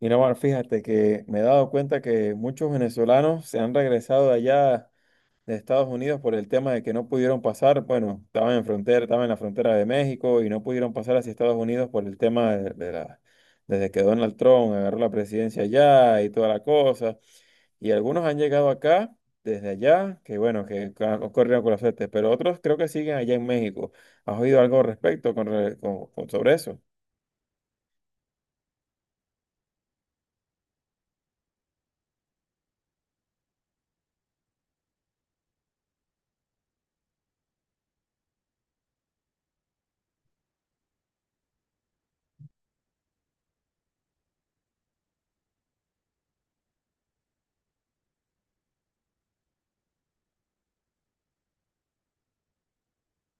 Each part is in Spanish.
Mira, Omar, fíjate que me he dado cuenta que muchos venezolanos se han regresado de allá de Estados Unidos por el tema de que no pudieron pasar, bueno, estaban en frontera, estaban en la frontera de México y no pudieron pasar hacia Estados Unidos por el tema desde que Donald Trump agarró la presidencia allá y toda la cosa. Y algunos han llegado acá desde allá, que bueno, que corrieron con la suerte, pero otros creo que siguen allá en México. ¿Has oído algo al respecto con, re- con- sobre eso?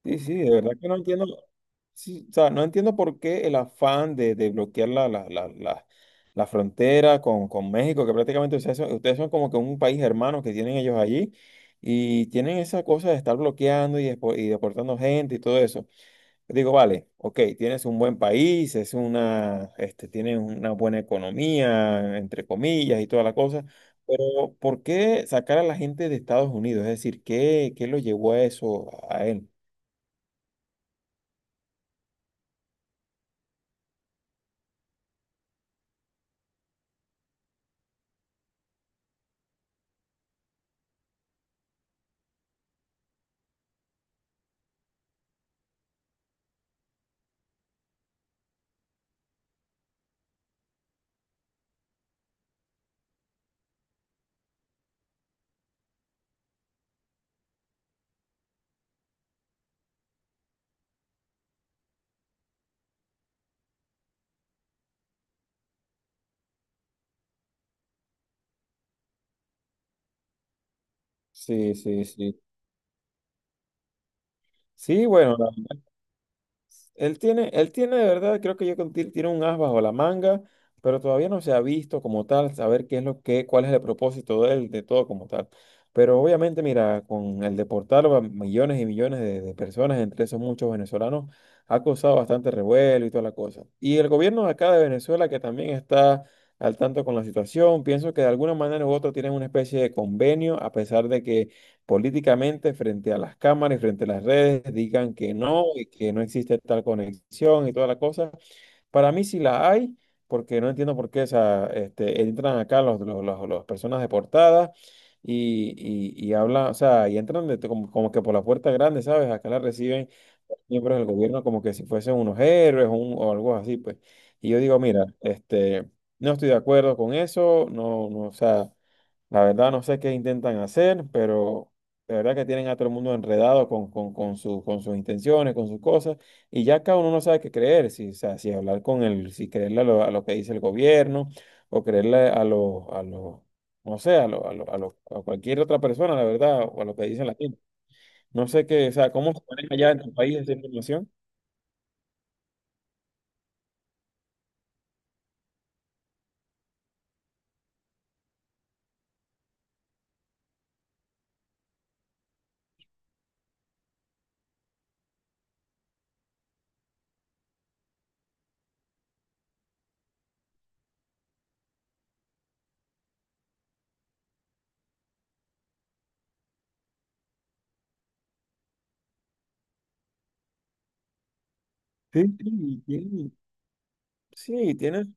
Sí, sí, de verdad que no entiendo, sí, o sea, no entiendo por qué el afán de bloquear la frontera con México, que prácticamente ustedes son como que un país hermano que tienen ellos allí y tienen esa cosa de estar bloqueando y, y deportando gente y todo eso. Yo digo, vale, ok, tienes un buen país, es una, este, tienes una buena economía, entre comillas, y toda la cosa, pero ¿por qué sacar a la gente de Estados Unidos? Es decir, ¿qué, qué lo llevó a eso, a él? Sí, sí, sí. Sí, bueno, él tiene de verdad, creo que yo con Til tiene un as bajo la manga, pero todavía no se ha visto como tal, saber qué es lo que, cuál es el propósito de él, de todo como tal. Pero obviamente, mira, con el deportar a millones y millones de personas, entre esos muchos venezolanos, ha causado bastante revuelo y toda la cosa. Y el gobierno de acá de Venezuela, que también está al tanto con la situación, pienso que de alguna manera u otra tienen una especie de convenio, a pesar de que políticamente frente a las cámaras y frente a las redes, digan que no y que no existe tal conexión y toda la cosa. Para mí sí la hay, porque no entiendo por qué o sea, este, entran acá las personas deportadas y, y hablan, o sea, y entran como, como que por la puerta grande, ¿sabes? Acá la reciben miembros del gobierno como que si fuesen unos héroes o algo así, pues. Y yo digo, mira, este, no estoy de acuerdo con eso, no, no, o sea... La verdad no sé qué intentan hacer, pero de verdad que tienen a todo el mundo enredado con sus intenciones, con sus cosas, y ya cada uno no sabe qué creer, si, o sea, si hablar con el, si creerle a lo que dice el gobierno, o creerle a los, no sé, a cualquier otra persona, la verdad, o a lo que dice la gente. No sé qué, o sea, cómo se maneja allá en tu país esa información. Sí, sí, tienen, sí, tienen.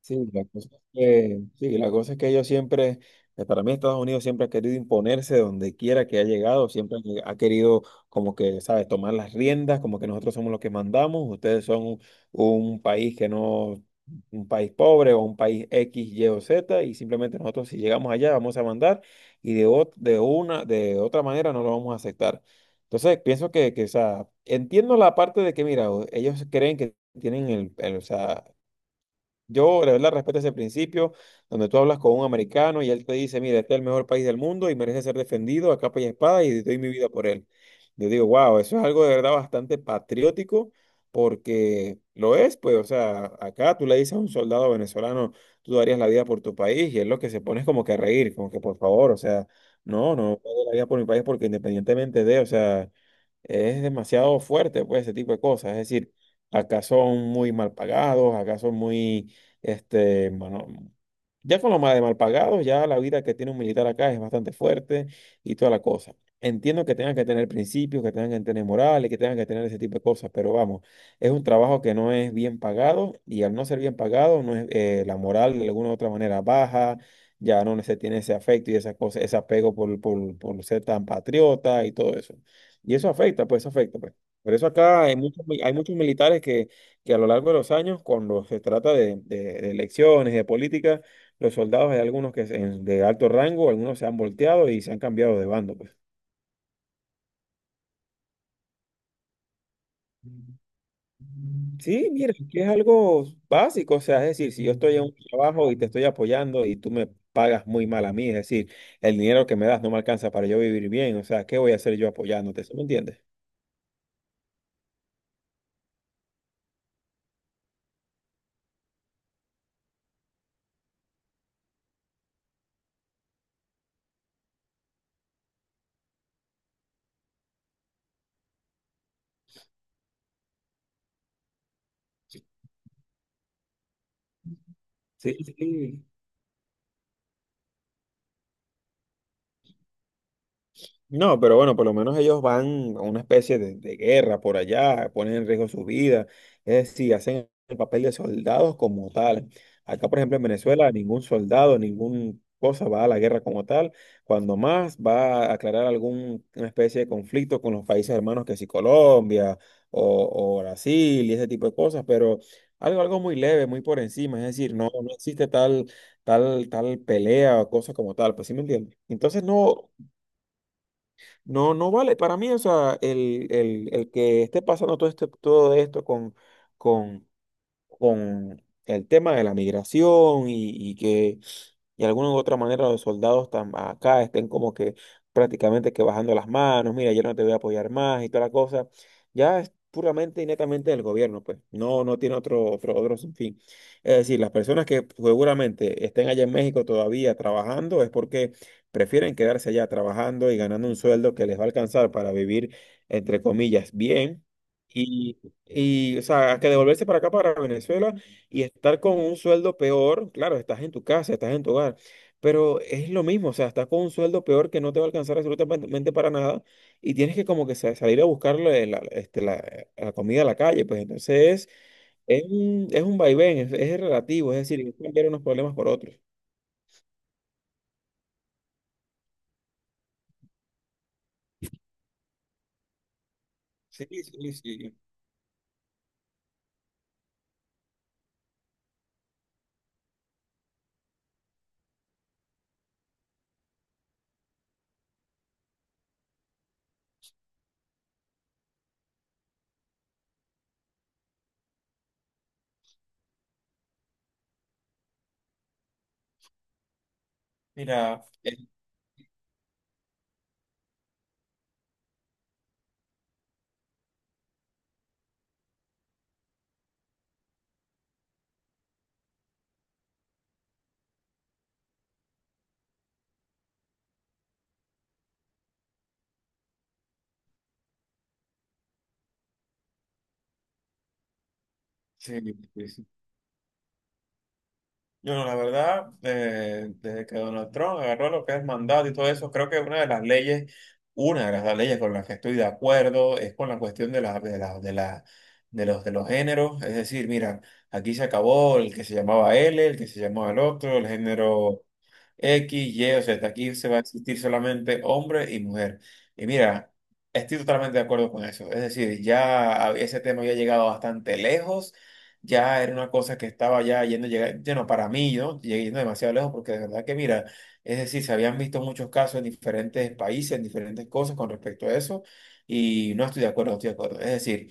Sí, la cosa es que, sí, la cosa es que ellos siempre, para mí Estados Unidos siempre ha querido imponerse donde quiera que ha llegado, siempre ha querido como que, ¿sabes?, tomar las riendas, como que nosotros somos los que mandamos, ustedes son un país que no, un país pobre o un país X, Y o Z, y simplemente nosotros si llegamos allá vamos a mandar y de una, de otra manera no lo vamos a aceptar. Entonces, pienso o sea, entiendo la parte de que, mira, ellos creen que tienen el, o sea, yo, la verdad, respeto ese principio donde tú hablas con un americano y él te dice, mira, este es el mejor país del mundo y merece ser defendido a capa y espada y doy mi vida por él. Yo digo, wow, eso es algo de verdad bastante patriótico porque lo es, pues, o sea, acá tú le dices a un soldado venezolano, tú darías la vida por tu país y es lo que se pone es como que a reír, como que por favor, o sea, no, no, no doy la vida por mi país porque independientemente de, o sea es demasiado fuerte, pues, ese tipo de cosas. Es decir, acá son muy mal pagados, acá son muy, este, bueno, ya con lo mal de mal pagados, ya la vida que tiene un militar acá es bastante fuerte y toda la cosa. Entiendo que tengan que tener principios, que tengan que tener morales, que tengan que tener ese tipo de cosas, pero vamos, es un trabajo que no es bien pagado y al no ser bien pagado, no es, la moral de alguna u otra manera baja, ya no se tiene ese afecto y esa cosa, ese apego por, por ser tan patriota y todo eso. Y eso afecta, pues, eso afecta, pues. Por eso acá hay muchos, hay muchos militares que a lo largo de los años, cuando se trata de elecciones, de política, los soldados, hay algunos que de alto rango, algunos se han volteado y se han cambiado de bando, pues. Sí, mira, es que es algo básico, o sea, es decir, si yo estoy en un trabajo y te estoy apoyando y tú me pagas muy mal a mí, es decir, el dinero que me das no me alcanza para yo vivir bien, o sea, ¿qué voy a hacer yo apoyándote? ¿Sí me entiendes? Sí, sí. No, pero bueno, por lo menos ellos van a una especie de guerra por allá, ponen en riesgo su vida, es decir, hacen el papel de soldados como tal. Acá, por ejemplo, en Venezuela, ningún soldado, ningún cosa va a la guerra como tal, cuando más va a aclarar alguna especie de conflicto con los países hermanos que si Colombia o Brasil y ese tipo de cosas, pero algo, algo muy leve, muy por encima, es decir, no, no existe tal, tal pelea o cosa como tal, pues sí me entiendes. Entonces no. No, no vale. Para mí, o sea, el que esté pasando todo, este, todo esto con, con el tema de la migración y que de alguna u otra manera los soldados acá estén como que prácticamente que bajando las manos, mira, yo no te voy a apoyar más y toda la cosa, ya es puramente y netamente del gobierno, pues no, no tiene otro fin. Es decir, las personas que seguramente estén allá en México todavía trabajando es porque prefieren quedarse allá trabajando y ganando un sueldo que les va a alcanzar para vivir, entre comillas, bien. Y, o sea, que devolverse para acá, para Venezuela, y estar con un sueldo peor, claro, estás en tu casa, estás en tu hogar, pero es lo mismo, o sea, estás con un sueldo peor que no te va a alcanzar absolutamente para nada, y tienes que como que salir a buscarle la, este, la comida a la calle, pues entonces es un vaivén, es relativo, es decir, es cambiar unos problemas por otros. Sí, sí, sí. Mira, sí, sí, sí. Yo, no la verdad, desde que Donald Trump agarró lo que es mandato y todo eso, creo que una de las leyes, una de las leyes con las que estoy de acuerdo es con la cuestión de los géneros. Es decir, mira, aquí se acabó el que se llamaba L, el que se llamaba el otro, el género X, Y, o Z. Aquí se va a existir solamente hombre y mujer. Y mira, estoy totalmente de acuerdo con eso. Es decir, ya ese tema ya ha llegado bastante lejos, ya era una cosa que estaba ya yendo, bueno, para mí, ¿no? Llegué yendo demasiado lejos porque de verdad que, mira, es decir, se habían visto muchos casos en diferentes países, en diferentes cosas con respecto a eso, y no estoy de acuerdo, no estoy de acuerdo. Es decir,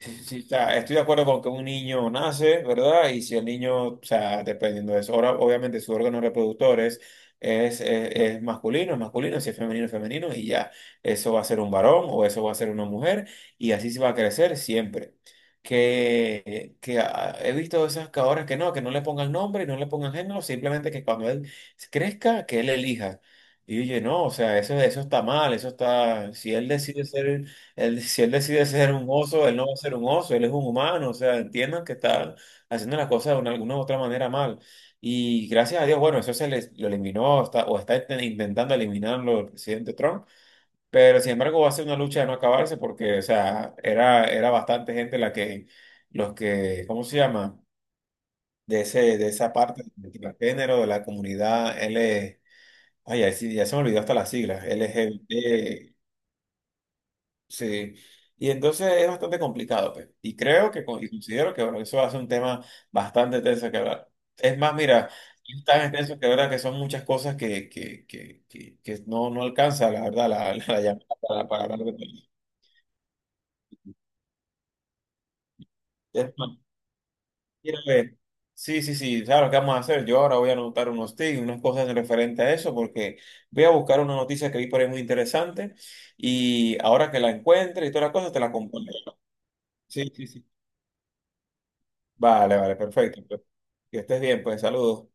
sí, sí, sí. O sea, estoy de acuerdo con que un niño nace, ¿verdad? Y si el niño, o sea, dependiendo de eso, ahora obviamente su órgano reproductor es masculino, si es femenino, es femenino, y ya, eso va a ser un varón o eso va a ser una mujer, y así se va a crecer siempre. He visto esas que ahora que no le pongan nombre y no le pongan género, simplemente que cuando él crezca, que él elija. Y oye, no, o sea, eso está mal, eso está, si él decide ser... Él, si él decide ser un oso, él no va a ser un oso, él es un humano, o sea, entiendan que está haciendo las cosas de alguna u otra manera mal. Y gracias a Dios, bueno, eso se les, lo eliminó o está intentando eliminarlo el presidente Trump, pero sin embargo va a ser una lucha de no acabarse porque, o sea, era, era bastante gente la que, los que, ¿cómo se llama? De ese, de esa parte del género, de la comunidad L, ay, ya, sí, ya se me olvidó hasta las siglas, LGBT. Sí, y entonces es bastante complicado, pues. Y creo que y considero que bueno, eso hace un tema bastante tenso que hablar. Es más, mira, es tan extenso que verdad que son muchas cosas que no, no alcanza, la verdad, la, la llamada para hablar de todo. Es más, mira, ve, sí, sí, sí, ¿sabes lo que vamos a hacer? Yo ahora voy a anotar unos tips, unas cosas referente a eso, porque voy a buscar una noticia que vi por ahí muy interesante y ahora que la encuentre y todas las cosas te la compongo. Sí, sí, sí. Vale, vale, perfecto. Que estés bien, pues saludos.